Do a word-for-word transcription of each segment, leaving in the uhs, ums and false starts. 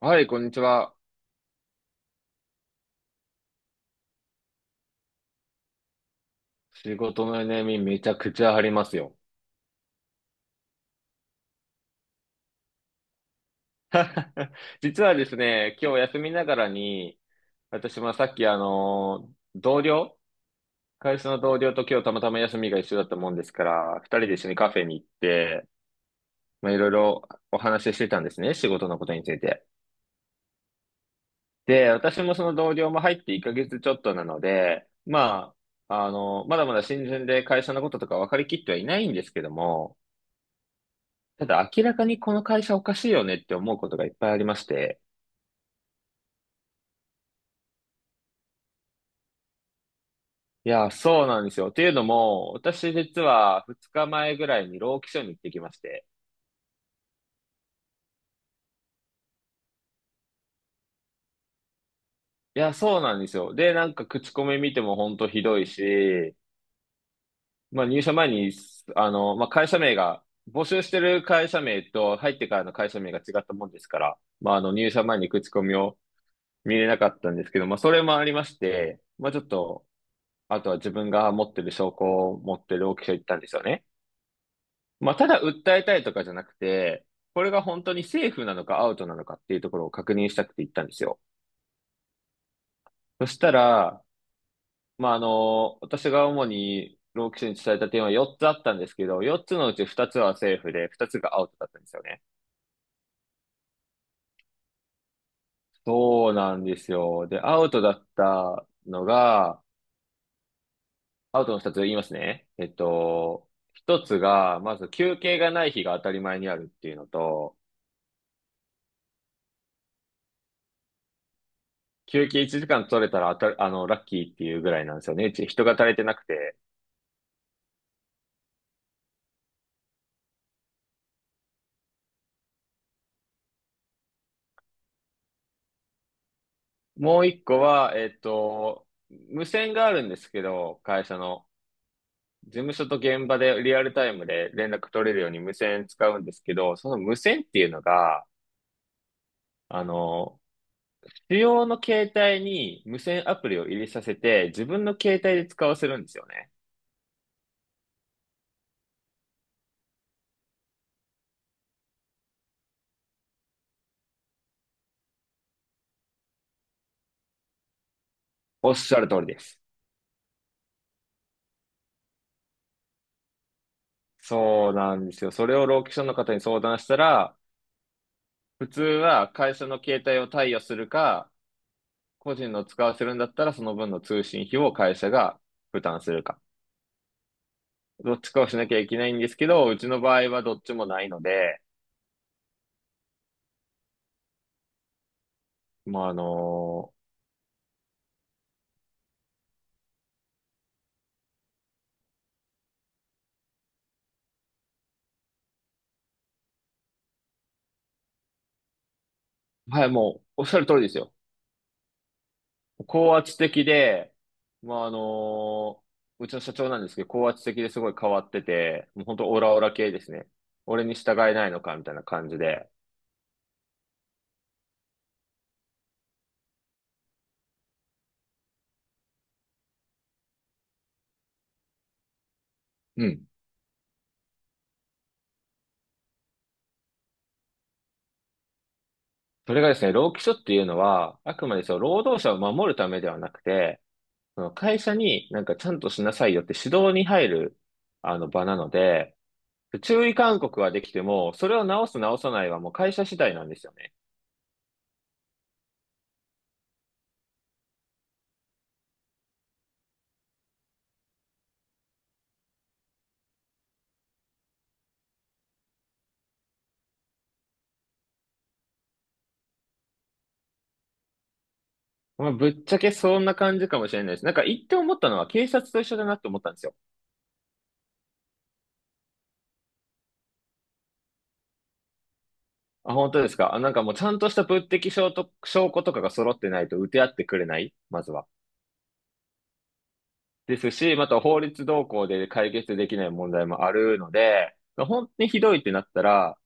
はい、こんにちは。仕事の悩みめちゃくちゃありますよ。実はですね、今日休みながらに、私もさっきあの、同僚、会社の同僚と今日たまたま休みが一緒だったもんですから、二人で一緒にカフェに行って、まあ、いろいろお話ししてたんですね、仕事のことについて。で、私もその同僚も入っていっかげつちょっとなので、まあ、あの、まだまだ新人で会社のこととか分かりきってはいないんですけども、ただ明らかにこの会社おかしいよねって思うことがいっぱいありまして。いや、そうなんですよ。っていうのも、私実はふつかまえぐらいに労基署に行ってきまして。いや、そうなんですよ。で、なんか口コミ見ても本当ひどいし、まあ入社前に、あの、まあ会社名が、募集してる会社名と入ってからの会社名が違ったもんですから、まああの入社前に口コミを見れなかったんですけど、まあそれもありまして、まあちょっと、あとは自分が持ってる証拠を持ってる労基署行ったんですよね。まあ、ただ訴えたいとかじゃなくて、これが本当にセーフなのかアウトなのかっていうところを確認したくて行ったんですよ。そしたら、まあ、あの、私が主に労基署に伝えた点はよっつあったんですけど、よっつのうちふたつはセーフで、ふたつがアウトだったんですよね。そうなんですよ。で、アウトだったのが、アウトのふたつ言いますね。えっと、ひとつが、まず休憩がない日が当たり前にあるっていうのと、休憩いちじかん取れたらあた、あの、ラッキーっていうぐらいなんですよね。うち人が足りてなくて。もう一個は、えっと、無線があるんですけど、会社の。事務所と現場でリアルタイムで連絡取れるように無線使うんですけど、その無線っていうのが、あの、主要の携帯に無線アプリを入れさせて、自分の携帯で使わせるんですよね。おっしゃる通りです。そうなんですよ。それをローキションの方に相談したら、普通は会社の携帯を貸与するか、個人の使わせるんだったら、その分の通信費を会社が負担するか。どっちかをしなきゃいけないんですけど、うちの場合はどっちもないので、まあ、あのーはい、もう、おっしゃる通りですよ。高圧的で、まあ、あのーうちの社長なんですけど、高圧的ですごい変わってて、もう本当オラオラ系ですね。俺に従えないのかみたいな感じで。うん。それがですね、労基署っていうのは、あくまでその労働者を守るためではなくて、その会社になんかちゃんとしなさいよって指導に入るあの場なので、注意勧告はできても、それを直す直さないはもう会社次第なんですよね。まあ、ぶっちゃけそんな感じかもしれないです。なんか言って思ったのは警察と一緒だなって思ったんですよ。あ、本当ですか。あ、なんかもうちゃんとした物的証と、証拠とかが揃ってないと打て合ってくれない、まずは。ですし、また法律動向で解決できない問題もあるので、本当にひどいってなったら、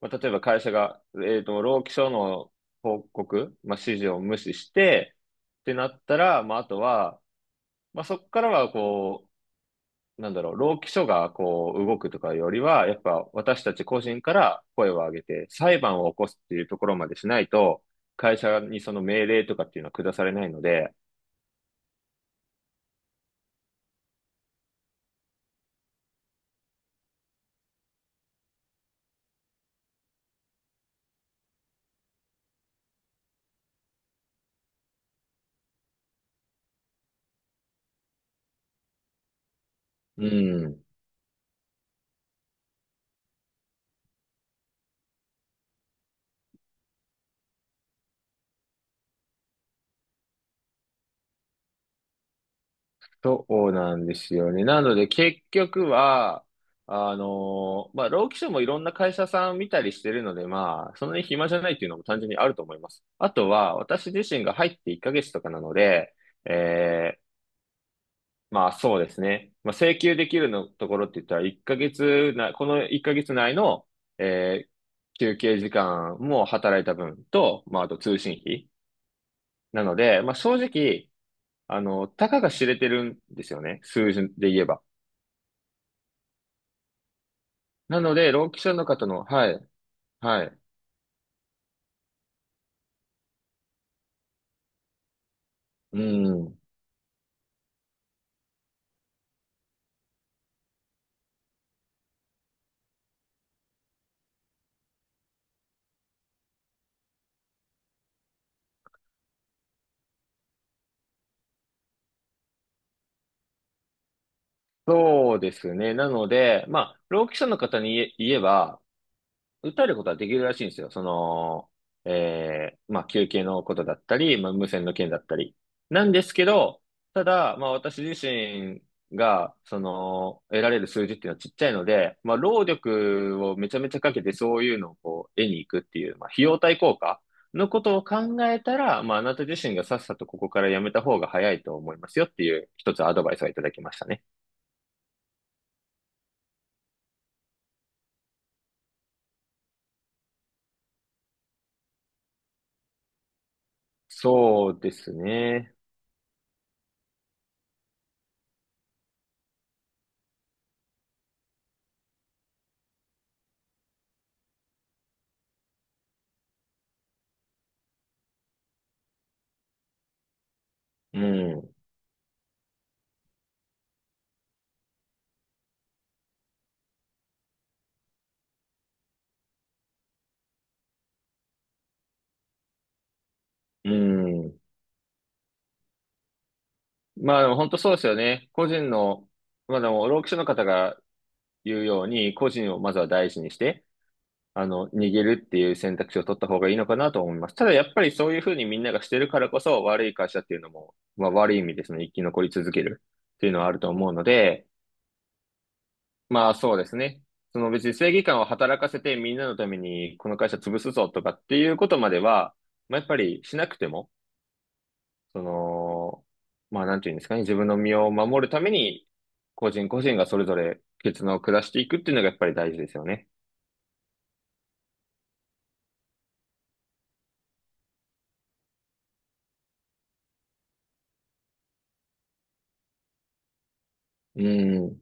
まあ、例えば会社が、えっと、労基署の報告、まあ、指示を無視して、ってなったら、まあ、あとは、まあ、そこからは、こう、なんだろう、労基署が、こう、動くとかよりは、やっぱ、私たち個人から声を上げて、裁判を起こすっていうところまでしないと、会社にその命令とかっていうのは下されないので、うん。そうなんですよね。なので結局は、あのーまあ、労基署もいろんな会社さん見たりしてるので、まあ、そんなに暇じゃないっていうのも単純にあると思います。あとは、私自身が入っていっかげつとかなので、えーまあそうですね。まあ、請求できるのところって言ったら、1ヶ月な、このいっかげつ内の、えー休憩時間も働いた分と、まあ、あと通信費。なので、まあ正直、あの、たかが知れてるんですよね。数字で言えば。なので、労基者の方の、はい、はい、うん、そうですね。なので、まあ、労基者の方に言え言えば、訴えることはできるらしいんですよ。その、えー、まあ、求刑のことだったり、まあ、無線の件だったり。なんですけど、ただ、まあ、私自身が、その、得られる数字っていうのはちっちゃいので、まあ、労力をめちゃめちゃかけてそういうのをこう、得に行くっていう、まあ、費用対効果のことを考えたら、まあ、あなた自身がさっさとここからやめた方が早いと思いますよっていう、一つアドバイスをいただきましたね。そうですね。うん。うん。まあでも本当そうですよね。個人の、まあでも、労基署の方が言うように、個人をまずは大事にして、あの、逃げるっていう選択肢を取った方がいいのかなと思います。ただやっぱりそういうふうにみんながしてるからこそ、悪い会社っていうのも、まあ悪い意味でその生き残り続けるっていうのはあると思うので、まあそうですね。その別に正義感を働かせてみんなのためにこの会社潰すぞとかっていうことまでは、まあやっぱりしなくても、その、まあなんていうんですかね、自分の身を守るために、個人個人がそれぞれ決断を下していくっていうのがやっぱり大事ですよね。うん。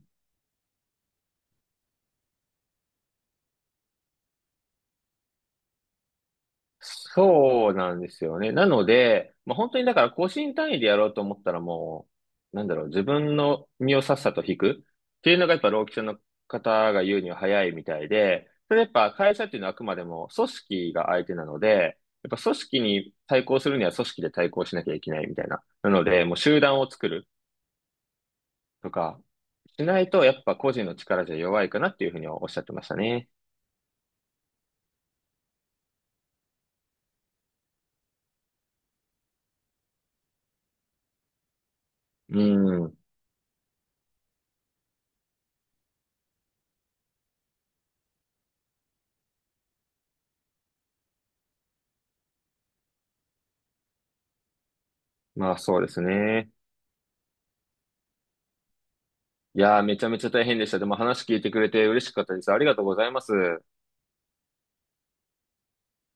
そうなんですよね。なので、まあ本当にだから個人単位でやろうと思ったらもう、なんだろう、自分の身をさっさと引くっていうのがやっぱ労基署の方が言うには早いみたいで、それやっぱ会社っていうのはあくまでも組織が相手なので、やっぱ組織に対抗するには組織で対抗しなきゃいけないみたいな。なので、もう集団を作る。とか、しないとやっぱ個人の力じゃ弱いかなっていうふうにはおっしゃってましたね。うん。まあそうですね。いやー、めちゃめちゃ大変でした。でも話聞いてくれて嬉しかったです。ありがとうございます。